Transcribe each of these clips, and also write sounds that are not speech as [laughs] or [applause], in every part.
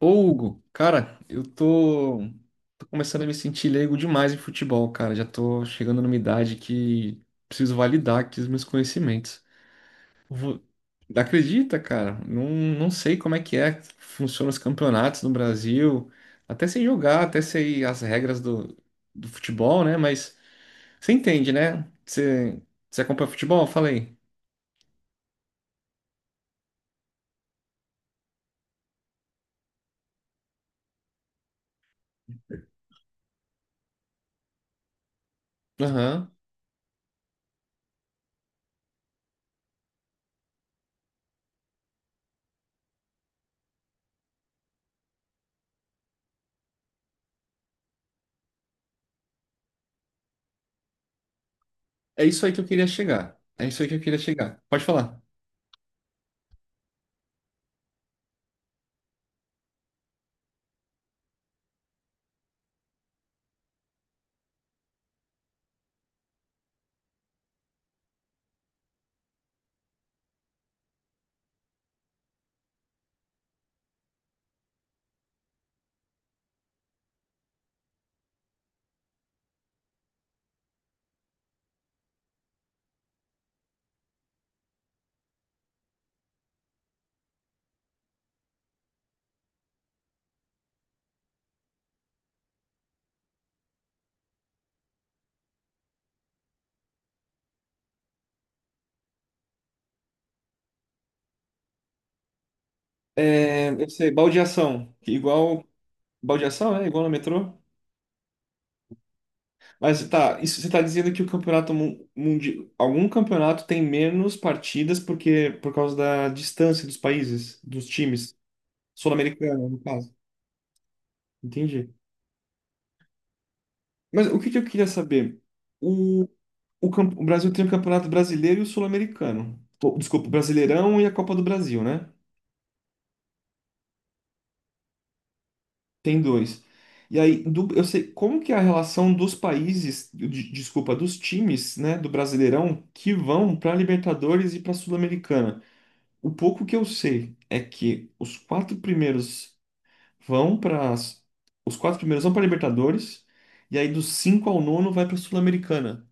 Ô, Hugo, cara, eu tô começando a me sentir leigo demais em futebol, cara. Já tô chegando numa idade que preciso validar aqui os meus conhecimentos. Vo- Acredita, cara? Não sei como é, que funcionam os campeonatos no Brasil. Até sei jogar, até sei as regras do futebol, né? Mas você entende, né? Você acompanha futebol? Falei. Aham. É isso aí que eu queria chegar. É isso aí que eu queria chegar. Pode falar. É, eu sei, baldeação. Igual. Baldeação, é igual no metrô. Mas tá, isso, você está dizendo que o campeonato mundial, algum campeonato tem menos partidas porque por causa da distância dos países, dos times. Sul-americano, no caso. Entendi. Mas o que que eu queria saber? O, o Brasil tem o Campeonato Brasileiro e o Sul-Americano. Pô, desculpa, o Brasileirão e a Copa do Brasil, né? Tem dois. E aí, eu sei como que é a relação dos países, desculpa, dos times, né, do Brasileirão que vão para Libertadores e para Sul-Americana. O pouco que eu sei é que vão para os quatro primeiros vão para Libertadores e aí dos cinco ao nono vai para Sul-Americana.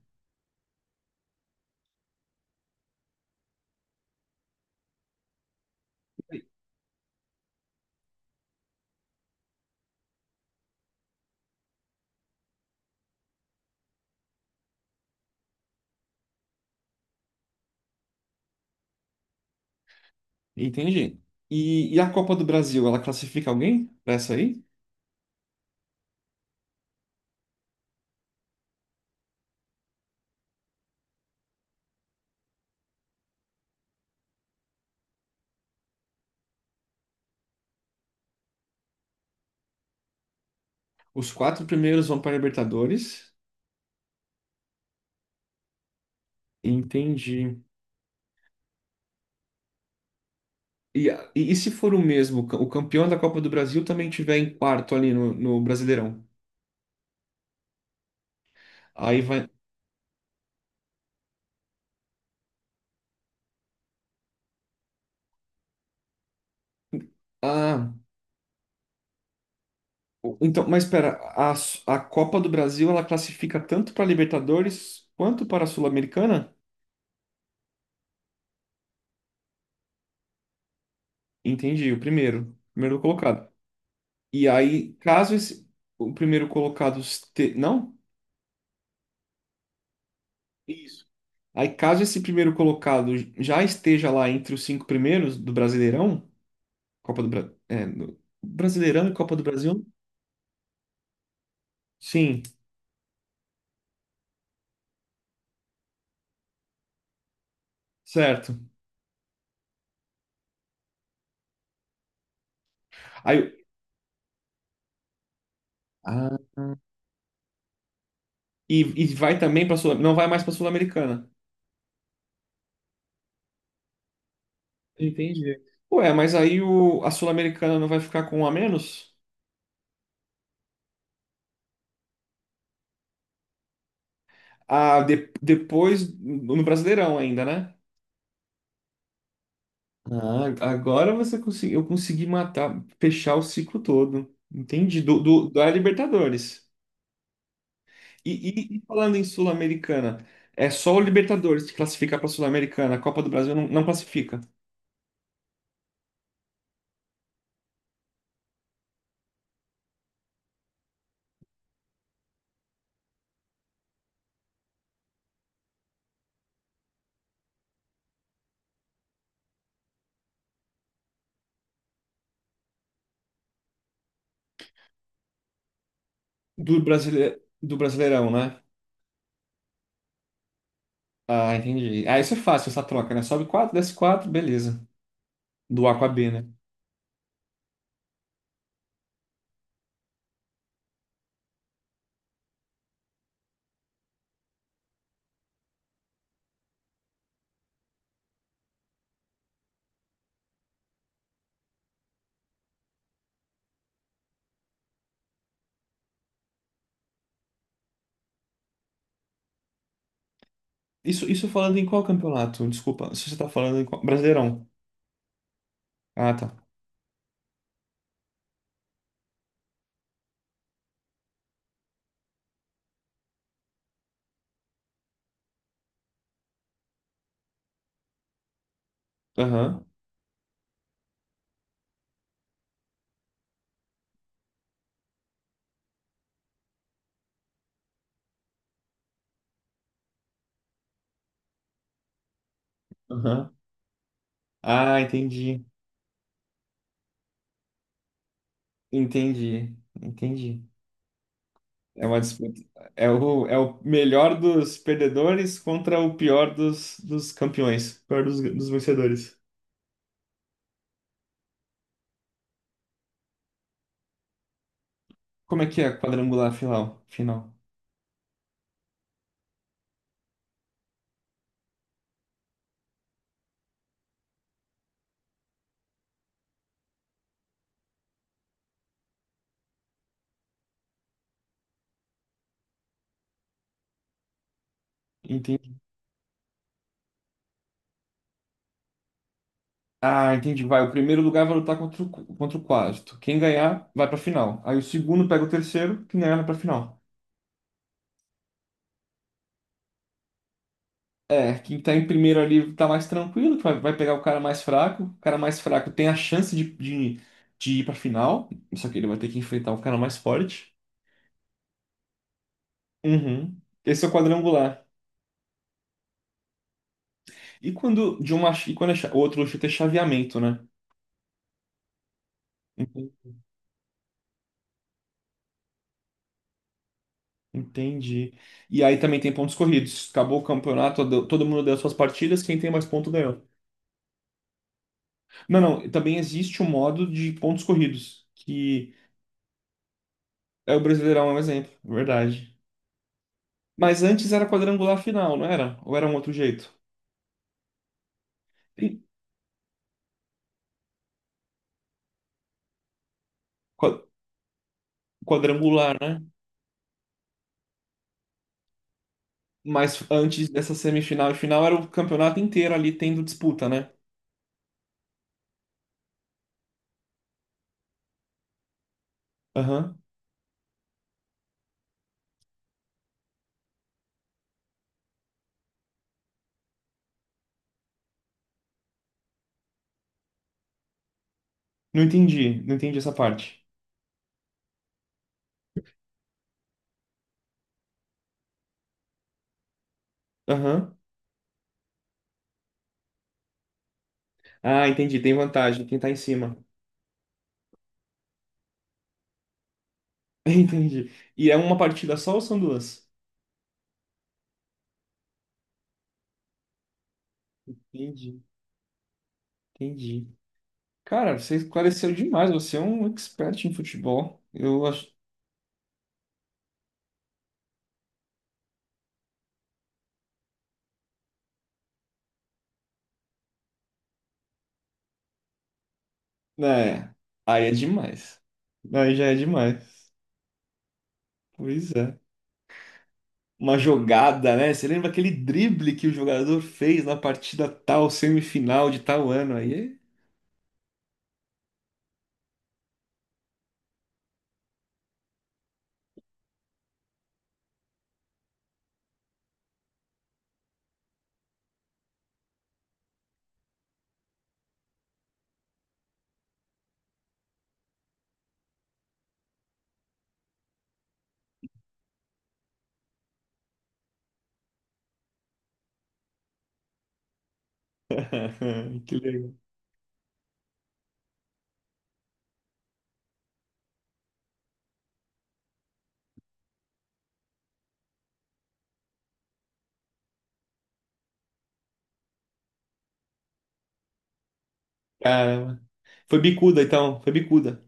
Entendi. E a Copa do Brasil, ela classifica alguém para essa aí? Os quatro primeiros vão para Libertadores. Entendi. E, e se for o mesmo, o campeão da Copa do Brasil também tiver em quarto ali no Brasileirão? Aí vai. Ah, então, mas espera, a, a Copa do Brasil ela classifica tanto para Libertadores quanto para a Sul-Americana? Entendi, o primeiro colocado. E aí, caso esse, o primeiro colocado este, não? Isso. Aí, caso esse primeiro colocado já esteja lá entre os cinco primeiros do Brasileirão, é, Brasileirão e Copa do Brasil? Sim, certo. Aí, eu- Ah, e vai também para Sul, não vai mais para Sul-Americana. Entendi. Ué, mas aí o, a Sul-Americana não vai ficar com um a menos? Ah, depois no Brasileirão ainda, né? Ah, agora você conseguiu, eu consegui matar, fechar o ciclo todo. Entendi, da Libertadores. E, e falando em Sul-Americana, é só o Libertadores que classifica para Sul-Americana. A Copa do Brasil não classifica. Do Brasile, do Brasileirão, né? Ah, entendi. Ah, isso é fácil, essa troca, né? Sobe 4, desce 4, beleza. Do A com a B, né? Isso falando em qual campeonato? Desculpa, se você tá falando em qual... Brasileirão. Ah, tá. Aham, aham. Ah, entendi. Entendi. Entendi. É uma disputa. É o, é o melhor dos perdedores contra o pior dos campeões. Pior dos vencedores. Como é que é quadrangular final? Final. Ah, entendi. Vai, o primeiro lugar vai lutar contra o, contra o quarto. Quem ganhar, vai pra final. Aí o segundo pega o terceiro, quem ganhar vai pra final. É, quem tá em primeiro ali tá mais tranquilo, que vai, vai pegar o cara mais fraco. O cara mais fraco tem a chance de ir pra final, só que ele vai ter que enfrentar o cara mais forte. Uhum. Esse é o quadrangular. E quando de uma, e quando é, outro chute é chaveamento, né? Enten- Entendi. E aí também tem pontos corridos. Acabou o campeonato, todo mundo deu suas partidas, quem tem mais ponto ganhou. Não, não, também existe o modo de pontos corridos, que é o Brasileirão é um exemplo, é verdade. Mas antes era quadrangular final, não era? Ou era um outro jeito? Sim. Qua- Quadrangular, né? Mas antes dessa semifinal e final era o campeonato inteiro ali tendo disputa, né? Aham. Não entendi essa parte. Aham. Ah, entendi, tem vantagem, quem tá em cima. [laughs] Entendi. E é uma partida só ou são duas? Entendi, entendi. Cara, você esclareceu demais. Você é um expert em futebol. É, aí é demais. Aí já é demais. Pois é. Uma jogada, né? Você lembra aquele drible que o jogador fez na partida tal, semifinal de tal ano aí? [laughs] Que legal. Caramba. Foi bicuda, então. Foi bicuda.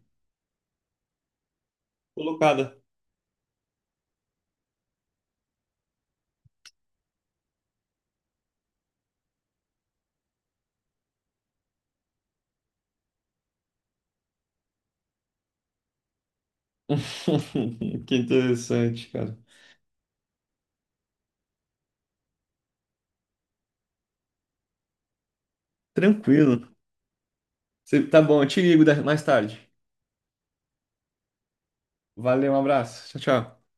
Colocada. [laughs] Que interessante, cara. Tranquilo. Tá bom, eu te ligo mais tarde. Valeu, um abraço. Tchau, tchau.